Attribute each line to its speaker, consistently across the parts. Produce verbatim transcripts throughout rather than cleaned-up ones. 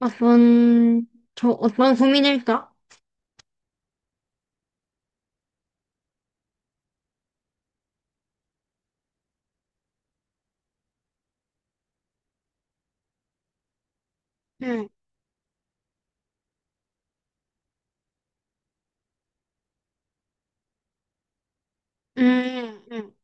Speaker 1: 어떤, 저, 어떤 고민일까? 응, 음, 음,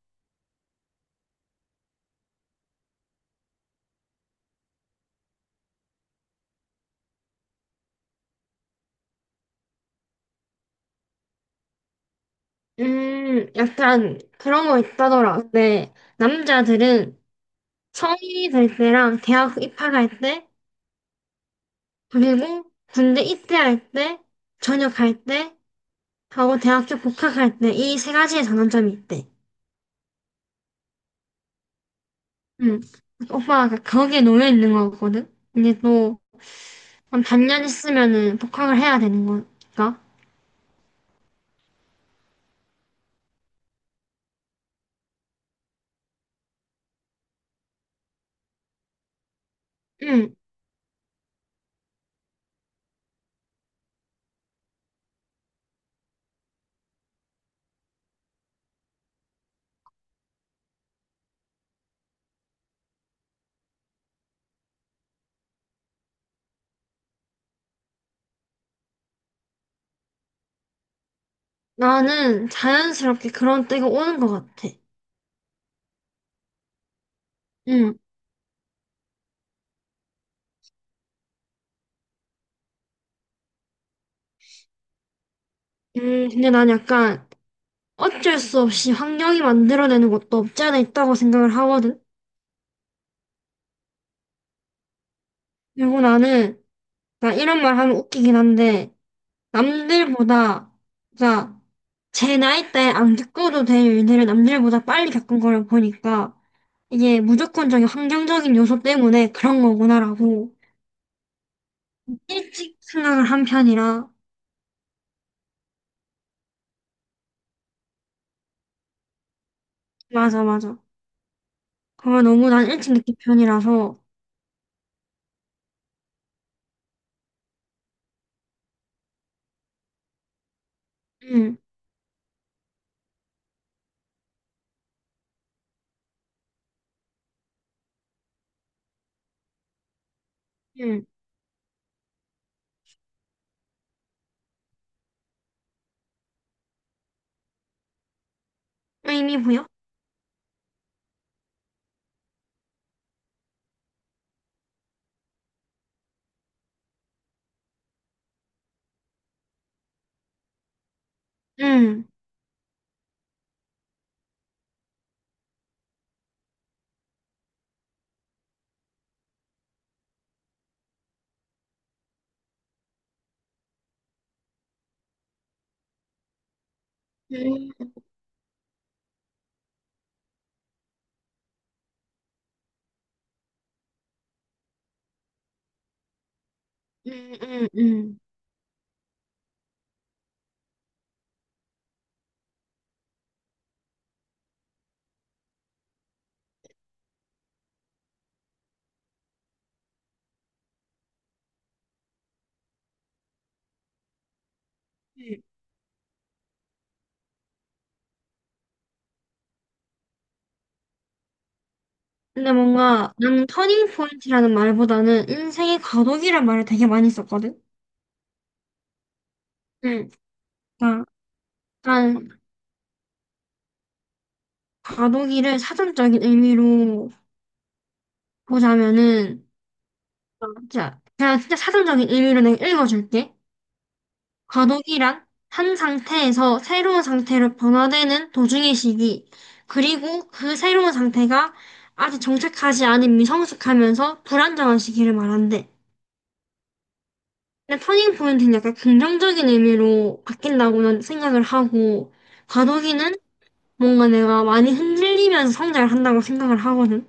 Speaker 1: 음, 약간 그런 거 있다더라. 근데 남자들은 성인이 될 때랑 대학 입학할 때, 그리고 군대 입대할 때, 전역할 때, 하고 대학교 복학할 때, 이 세 가지의 전환점이 있대. 응. 오빠가 거기에 놓여 있는 거거든? 근데 또, 한 반년 있으면은 복학을 해야 되는 거니까. 응. 나는 자연스럽게 그런 때가 오는 것 같아. 응. 음, 근데 난 약간 어쩔 수 없이 환경이 만들어내는 것도 없지 않아 있다고 생각을 하거든. 그리고 나는, 나 이런 말 하면 웃기긴 한데, 남들보다, 그러니까 제 나이 때안 겪어도 될 일들을 남들보다 빨리 겪은 거를 보니까, 이게 무조건적인 환경적인 요소 때문에 그런 거구나라고 일찍 생각을 한 편이라, 맞아, 맞아. 그걸 너무 난 일찍 느낀 편이라서, 응, 응. 의미 부여? 응. 음. 음, 음, 음. 음. 근데 뭔가 나는 터닝 포인트라는 말보다는 인생의 과도기란 말을 되게 많이 썼거든. 응. 그러니까 약간 과도기를 사전적인 의미로 보자면은 자, 그냥 진짜 사전적인 의미로 내가 읽어줄게. 과도기란 한 상태에서 새로운 상태로 변화되는 도중의 시기, 그리고 그 새로운 상태가 아직 정착하지 않은 미성숙하면서 불안정한 시기를 말한대. 근데 터닝 포인트는 약간 긍정적인 의미로 바뀐다고는 생각을 하고, 과도기는 뭔가 내가 많이 흔들리면서 성장을 한다고 생각을 하거든.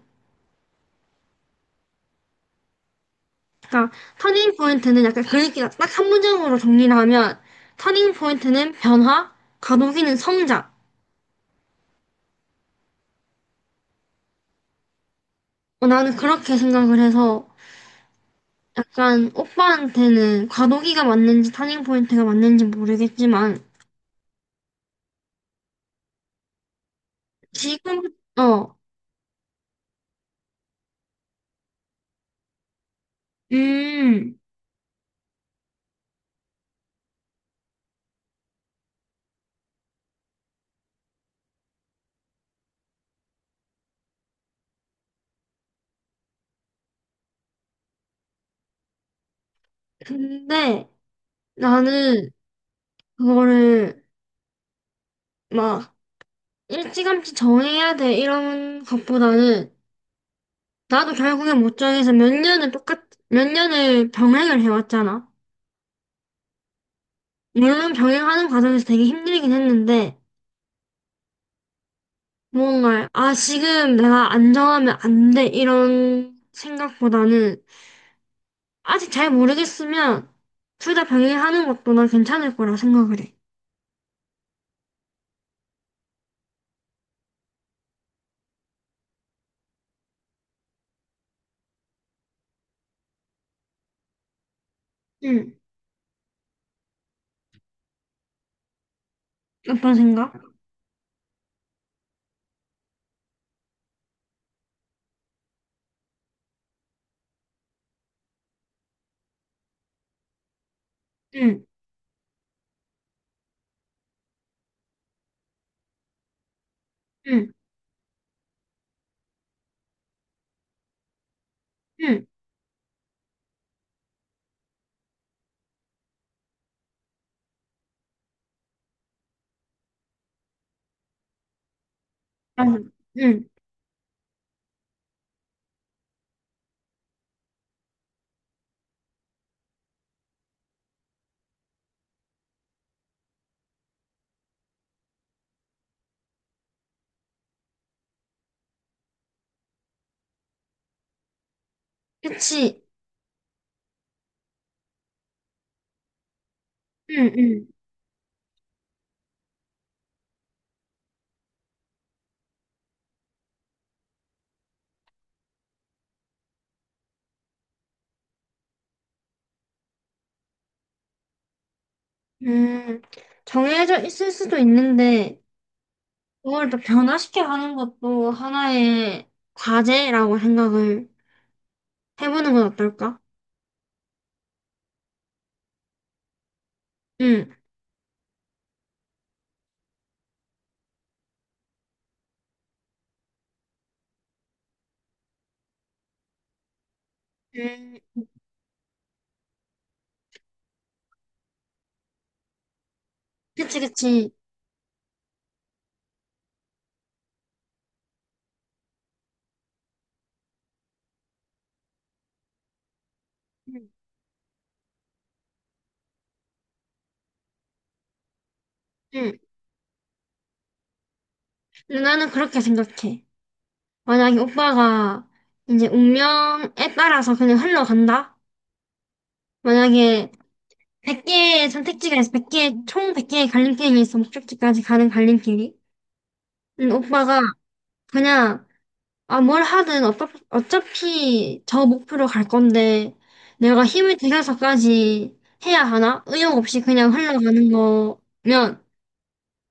Speaker 1: 그러니까 터닝 포인트는 약간 그 얘기가 딱 한 문장으로 정리를 하면, 터닝 포인트는 변화, 과도기는 성장. 어, 나는 그렇게 생각을 해서, 약간 오빠한테는 과도기가 맞는지 터닝 포인트가 맞는지 모르겠지만, 지금, 어, 음, 근데 나는 그거를 막 일찌감치 정해야 돼 이런 것보다는 나도 결국에 못 정해서 몇 년을 똑같 몇 년을 병행을 해왔잖아. 물론 병행하는 과정에서 되게 힘들긴 했는데 뭔가 아, 지금 내가 안 정하면 안 돼 이런 생각보다는 아직 잘 모르겠으면 둘 다 병행하는 것도 난 괜찮을 거라 생각을 해. 응. 어떤 생각? 응. 응. 응. 맞아. 응. 그치. 응. 응. 음, 정해져 있을 수도 있는데, 그걸 또 변화시켜 가는 것도 하나의 과제라고 생각을 해보는 건 어떨까? 응, 음, 그치, 그치. 응, 응. 근데 나는 그렇게 생각해. 만약에 오빠가 이제 운명에 따라서 그냥 흘러간다? 만약에 백 개의 선택지가 있어. 백 개총 백 개의 갈림길이 있어. 목적지까지 가는 갈림길이. 음, 오빠가 그냥 아, 뭘 하든 어차, 어차피 저 목표로 갈 건데 내가 힘을 들여서까지 해야 하나? 의욕 없이 그냥 흘러가는 거면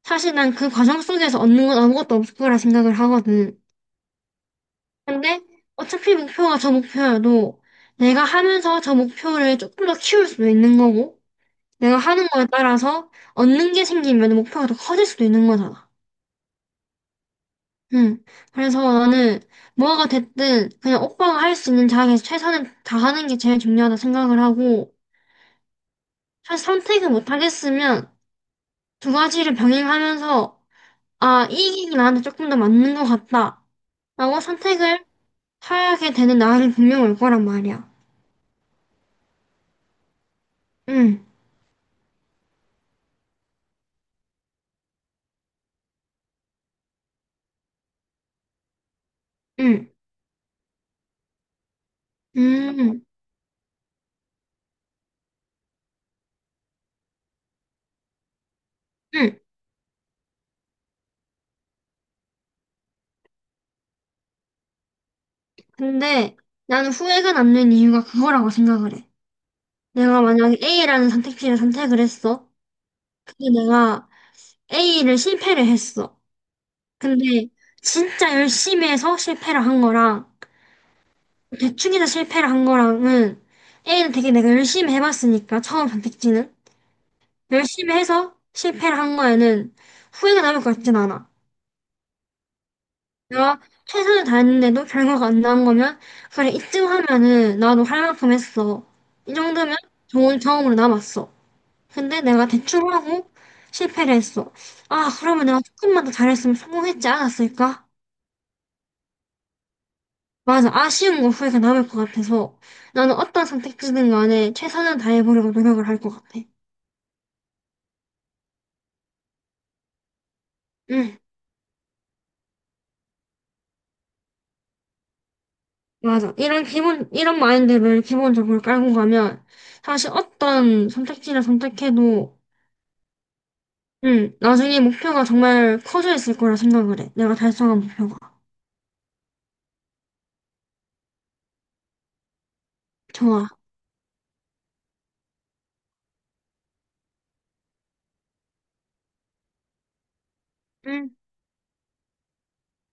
Speaker 1: 사실 난 그 과정 속에서 얻는 건 아무것도 없을 거라 생각을 하거든. 근데 어차피 목표가 저 목표여도 내가 하면서 저 목표를 조금 더 키울 수도 있는 거고 내가 하는 거에 따라서 얻는 게 생기면 목표가 더 커질 수도 있는 거잖아. 응. 그래서 나는 뭐가 됐든 그냥 오빠가 할 수 있는 자리에서 최선을 다하는 게 제일 중요하다 생각을 하고 사실 선택을 못 하겠으면 두 가지를 병행하면서 아, 이 길이 나한테 조금 더 맞는 것 같다. 라고 선택을 하게 되는 날이 분명 올 거란 말이야. 응, 응, 응, 응. 근데 나는 후회가 남는 이유가 그거라고 생각을 해. 내가 만약에 A라는 선택지를 선택을 했어. 근데 내가 에이를 실패를 했어. 근데 진짜 열심히 해서 실패를 한 거랑 대충해서 실패를 한 거랑은 에이는 되게 내가 열심히 해봤으니까 처음 선택지는 열심히 해서 실패를 한 거에는 후회가 남을 것 같진 않아. 내가 최선을 다했는데도 결과가 안 나온 거면 그래, 이쯤 하면은 나도 할 만큼 했어. 이 정도면 좋은 경험으로 남았어. 근데 내가 대충 하고 실패를 했어. 아, 그러면 내가 조금만 더 잘했으면 성공했지 않았을까? 맞아. 아쉬운 거 후회가 남을 것 같아서 나는 어떤 선택지든 간에 최선을 다해보려고 노력을 할 것 같아. 응, 맞아. 이런 기본, 이런 마인드를 기본적으로 깔고 가면 사실 어떤 선택지를 선택해도 응, 나중에 목표가 정말 커져 있을 거라 생각을 해. 내가 달성한 목표가. 좋아. 응.